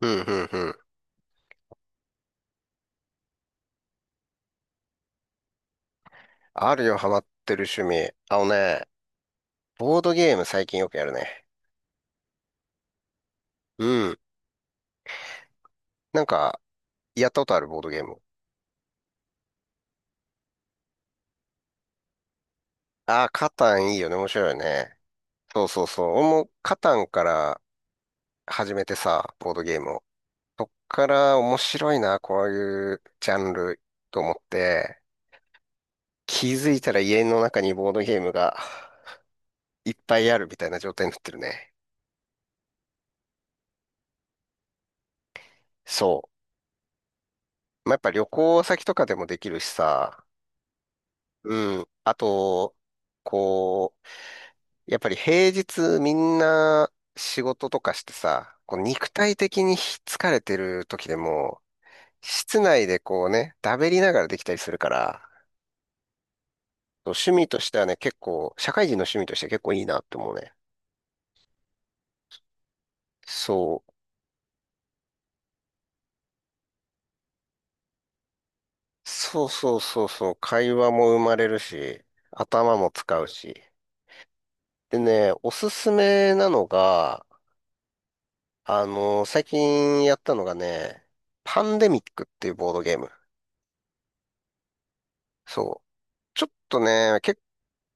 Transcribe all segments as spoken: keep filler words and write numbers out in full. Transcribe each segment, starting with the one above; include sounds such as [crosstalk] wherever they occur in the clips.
うんうんうん。あるよ、ハマってる趣味。あのね、ボードゲーム最近よくやるね。うん。なんか、やったことあるボードゲーム？ああ、カタンいいよね。面白いよね。そうそうそう。俺もカタンから始めてさ、ボードゲームを。そっから面白いな、こういうジャンルと思って、気づいたら家の中にボードゲームがいっぱいあるみたいな状態になってるね。そう。まあ、やっぱ旅行先とかでもできるしさ、うん。あと、こう、やっぱり平日みんな仕事とかしてさ、こう肉体的に疲れてる時でも、室内でこうね、だべりながらできたりするから、趣味としてはね、結構、社会人の趣味として結構いいなって思うね。そう。そうそうそうそう。会話も生まれるし、頭も使うし。でね、おすすめなのが、あの最近やったのがね、パンデミックっていうボードゲーム。そう。ちょっとね、け、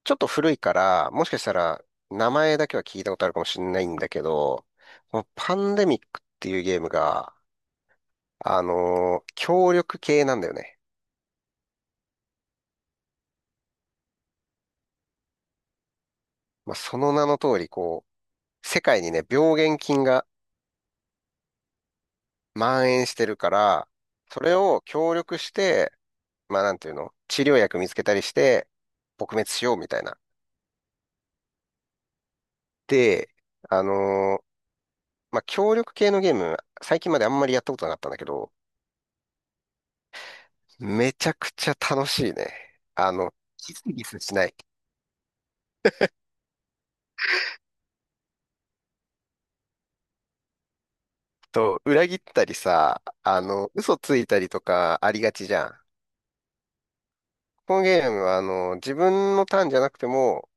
ちょっと古いから、もしかしたら名前だけは聞いたことあるかもしれないんだけど、このパンデミックっていうゲームが、あのー協力系なんだよね。まあ、その名の通り、こう、世界にね、病原菌が蔓延してるから、それを協力して、まあ、なんていうの、治療薬見つけたりして、撲滅しようみたいな。で、あのーまあ、協力系のゲーム、最近まであんまりやったことなかったんだけど、めちゃくちゃ楽しいね。あの、ギスギスしない。と、裏切ったりさ、あの、嘘ついたりとかありがちじゃん。このゲームは、あの、自分のターンじゃなくても、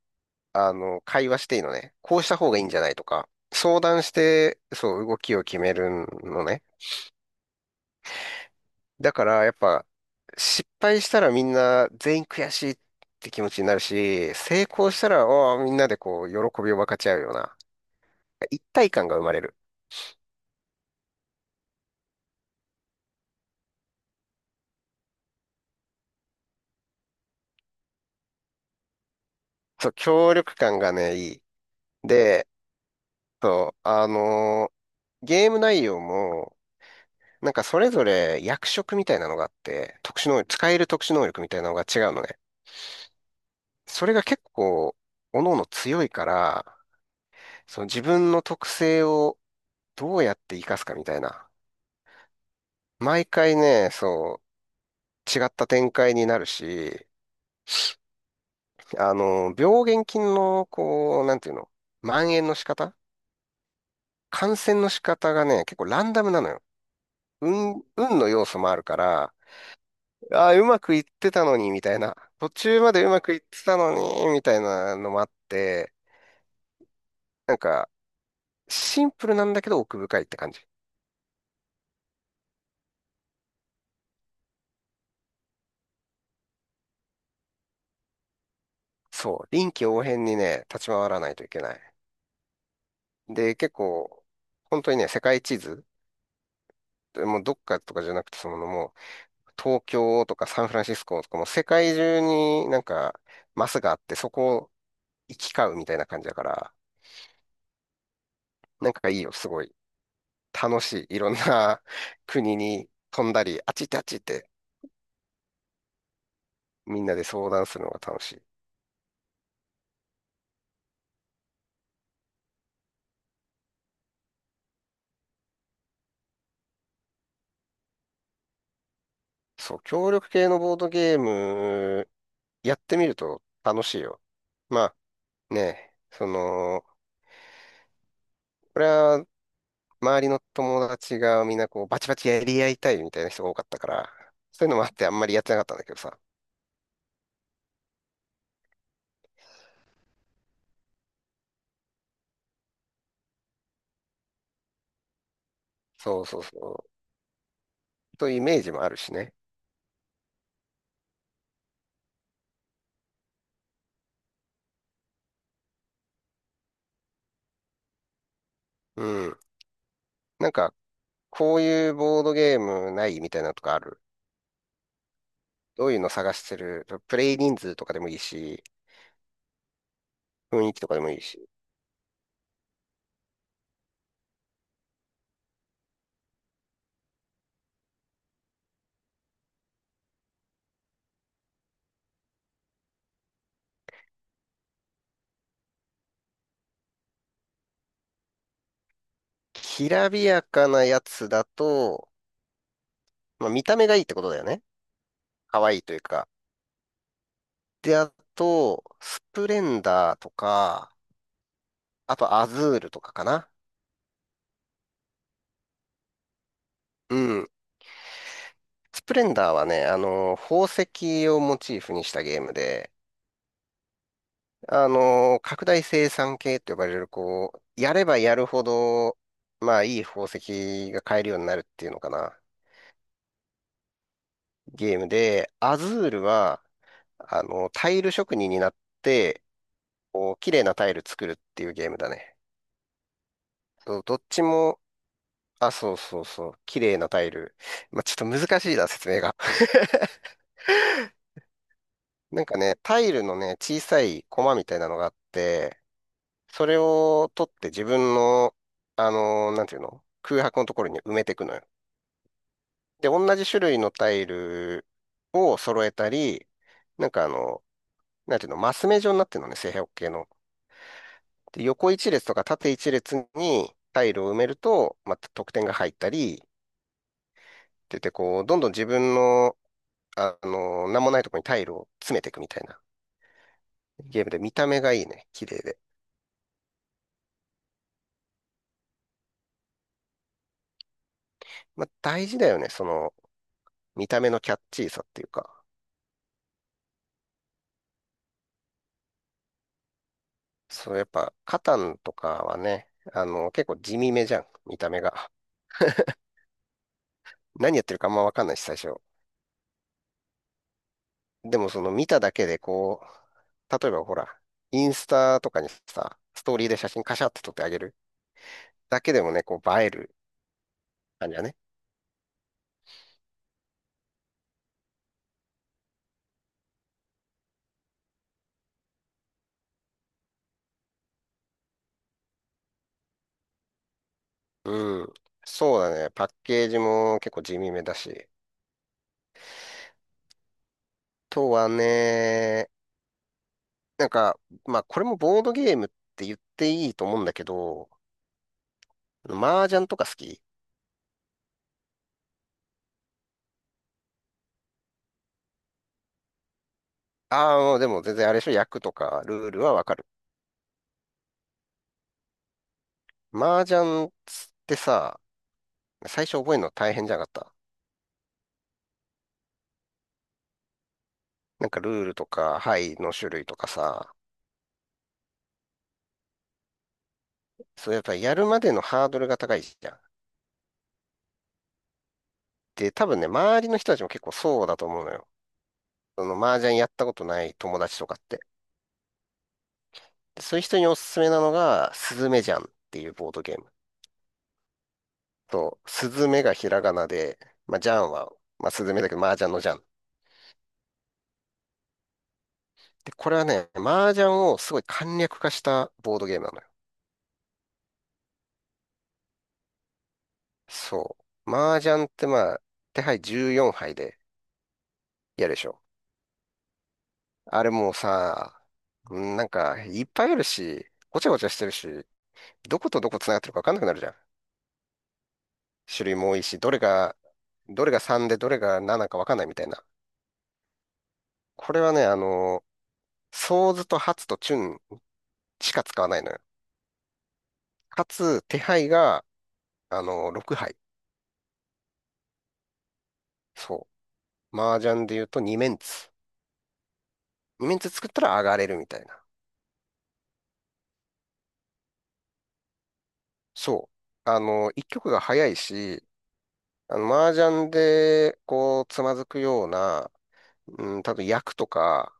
あの、会話していいのね。こうした方がいいんじゃないとか、相談して、そう、動きを決めるのね。だから、やっぱ、失敗したらみんな全員悔しいって気持ちになるし、成功したら、おーみんなでこう、喜びを分かち合うような、一体感が生まれる。そう、協力感がね、いい。で、そう、あのーゲーム内容も、なんかそれぞれ役職みたいなのがあって、特殊能力、使える特殊能力みたいなのが違うのね。それが結構、各々強いから、その自分の特性をどうやって活かすかみたいな。毎回ね、そう、違った展開になるし、あの病原菌の、こう、なんていうの、蔓延の仕方感染の仕方がね、結構ランダムなのよ。運、運の要素もあるから、ああ、うまくいってたのに、みたいな。途中までうまくいってたのに、みたいなのもあって、なんか、シンプルなんだけど奥深いって感じ。そう。臨機応変にね、立ち回らないといけない。で、結構、本当にね、世界地図、もうどっかとかじゃなくて、そのもう、東京とかサンフランシスコとかもう世界中になんか、マスがあって、そこを行き交うみたいな感じだから、なんかいいよ、すごい。楽しい。いろんな [laughs] 国に飛んだり、あっち行ってあっち行ってみんなで相談するのが楽しい。そう、協力系のボードゲーム、やってみると楽しいよ。まあね、その、これは周りの友達がみんなこうバチバチやり合いたいみたいな人が多かったから、そういうのもあってあんまりやってなかったんだけどさ。そうそうそう。というイメージもあるしね。うん。なんか、こういうボードゲームないみたいなのとかある？どういうの探してる？プレイ人数とかでもいいし、雰囲気とかでもいいし。きらびやかなやつだと、まあ、見た目がいいってことだよね。可愛いというか。で、あと、スプレンダーとか、あとアズールとかかな。うん。スプレンダーはね、あの、宝石をモチーフにしたゲームで、あの、拡大生産系って呼ばれる、こう、やればやるほど、まあ、いい宝石が買えるようになるっていうのかな。ゲームで、アズールは、あの、タイル職人になって、こう、綺麗なタイル作るっていうゲームだね。そうどっちも、あ、そうそうそう。綺麗なタイル。まあ、ちょっと難しいな、説明が。[laughs] なんかね、タイルのね、小さいコマみたいなのがあって、それを取って自分の、あのーなんていうの空白のところに埋めていくのよ。で、同じ種類のタイルを揃えたり、なんかあの、なんていうの、マス目状になってるのね、正方形の。で、横一列とか縦一列にタイルを埋めると、また得点が入ったり、って言って、こう、どんどん自分のあの、なんもないとこにタイルを詰めていくみたいなゲームで見た目がいいね。綺麗で。まあ、大事だよね。その、見た目のキャッチーさっていうか。そう、やっぱ、カタンとかはね、あの、結構地味めじゃん。見た目が。何やってるかあんまわかんないし、最初。でもその見ただけでこう、例えばほら、インスタとかにさ、ストーリーで写真カシャって撮ってあげるだけでもね、こう映える感じだね。うん。そうだね。パッケージも結構地味めだし。あとはね、なんか、まあ、これもボードゲームって言っていいと思うんだけど、麻雀とか好き？ああー、でも全然あれでしょ、役とかルールはわかる。麻雀ってさ、最初覚えるの大変じゃなかった？なんかルールとか、牌の種類とかさ、そうやっぱやるまでのハードルが高いじゃん。で、多分ね、周りの人たちも結構そうだと思うのよ。その麻雀やったことない友達とかって。でそういう人におすすめなのが、スズメジャンっていうボードゲーム。と、スズメがひらがなで、まあ、ジャンは、まあ、スズメだけど、麻雀のジャン。で、これはね、麻雀をすごい簡略化したボードゲームなのよ。そう。麻雀ってまあ、手牌じゅうよんぱい牌でやるでしょ。あれもうさ、うんなんか、いっぱいあるし、ごちゃごちゃしてるし、どことどこ繋がってるか分かんなくなるじゃん。種類も多いし、どれが、どれがさんでどれがななか分かんないみたいな。これはね、あの、ソーズとハツとチュンしか使わないのよ。かつ、手配があの、ろっぱい。そう。麻雀で言うとにメンツ。にメンツ作ったら上がれるみたいな。そう。あの、いっ局が早いし、あの、麻雀で、こう、つまずくような、うん、多分役とか、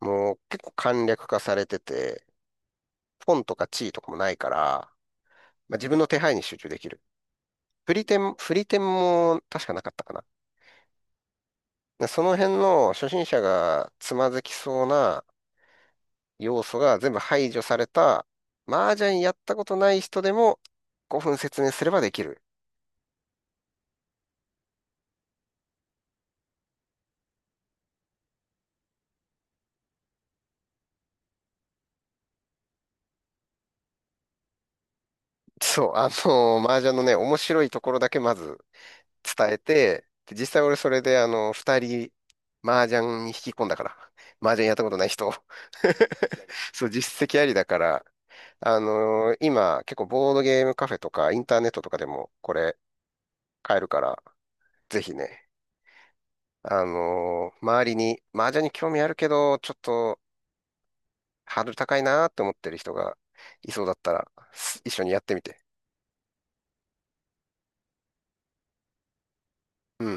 もう結構簡略化されてて、ポンとか地位とかもないから、まあ、自分の手配に集中できる。振り点、振り点も確かなかったかな。でその辺の初心者がつまずきそうな要素が全部排除された、麻雀やったことない人でもごふん説明すればできる。そう、あの、[laughs] 麻雀のね、面白いところだけまず伝えて、で実際俺それであの、ふたり、麻雀に引き込んだから。麻雀やったことない人。[laughs] そう、実績ありだから、あの、今結構ボードゲームカフェとかインターネットとかでもこれ買えるから、ぜひね、あの、周りに麻雀に興味あるけど、ちょっとハードル高いなーって思ってる人がいそうだったら、す一緒にやってみて。うん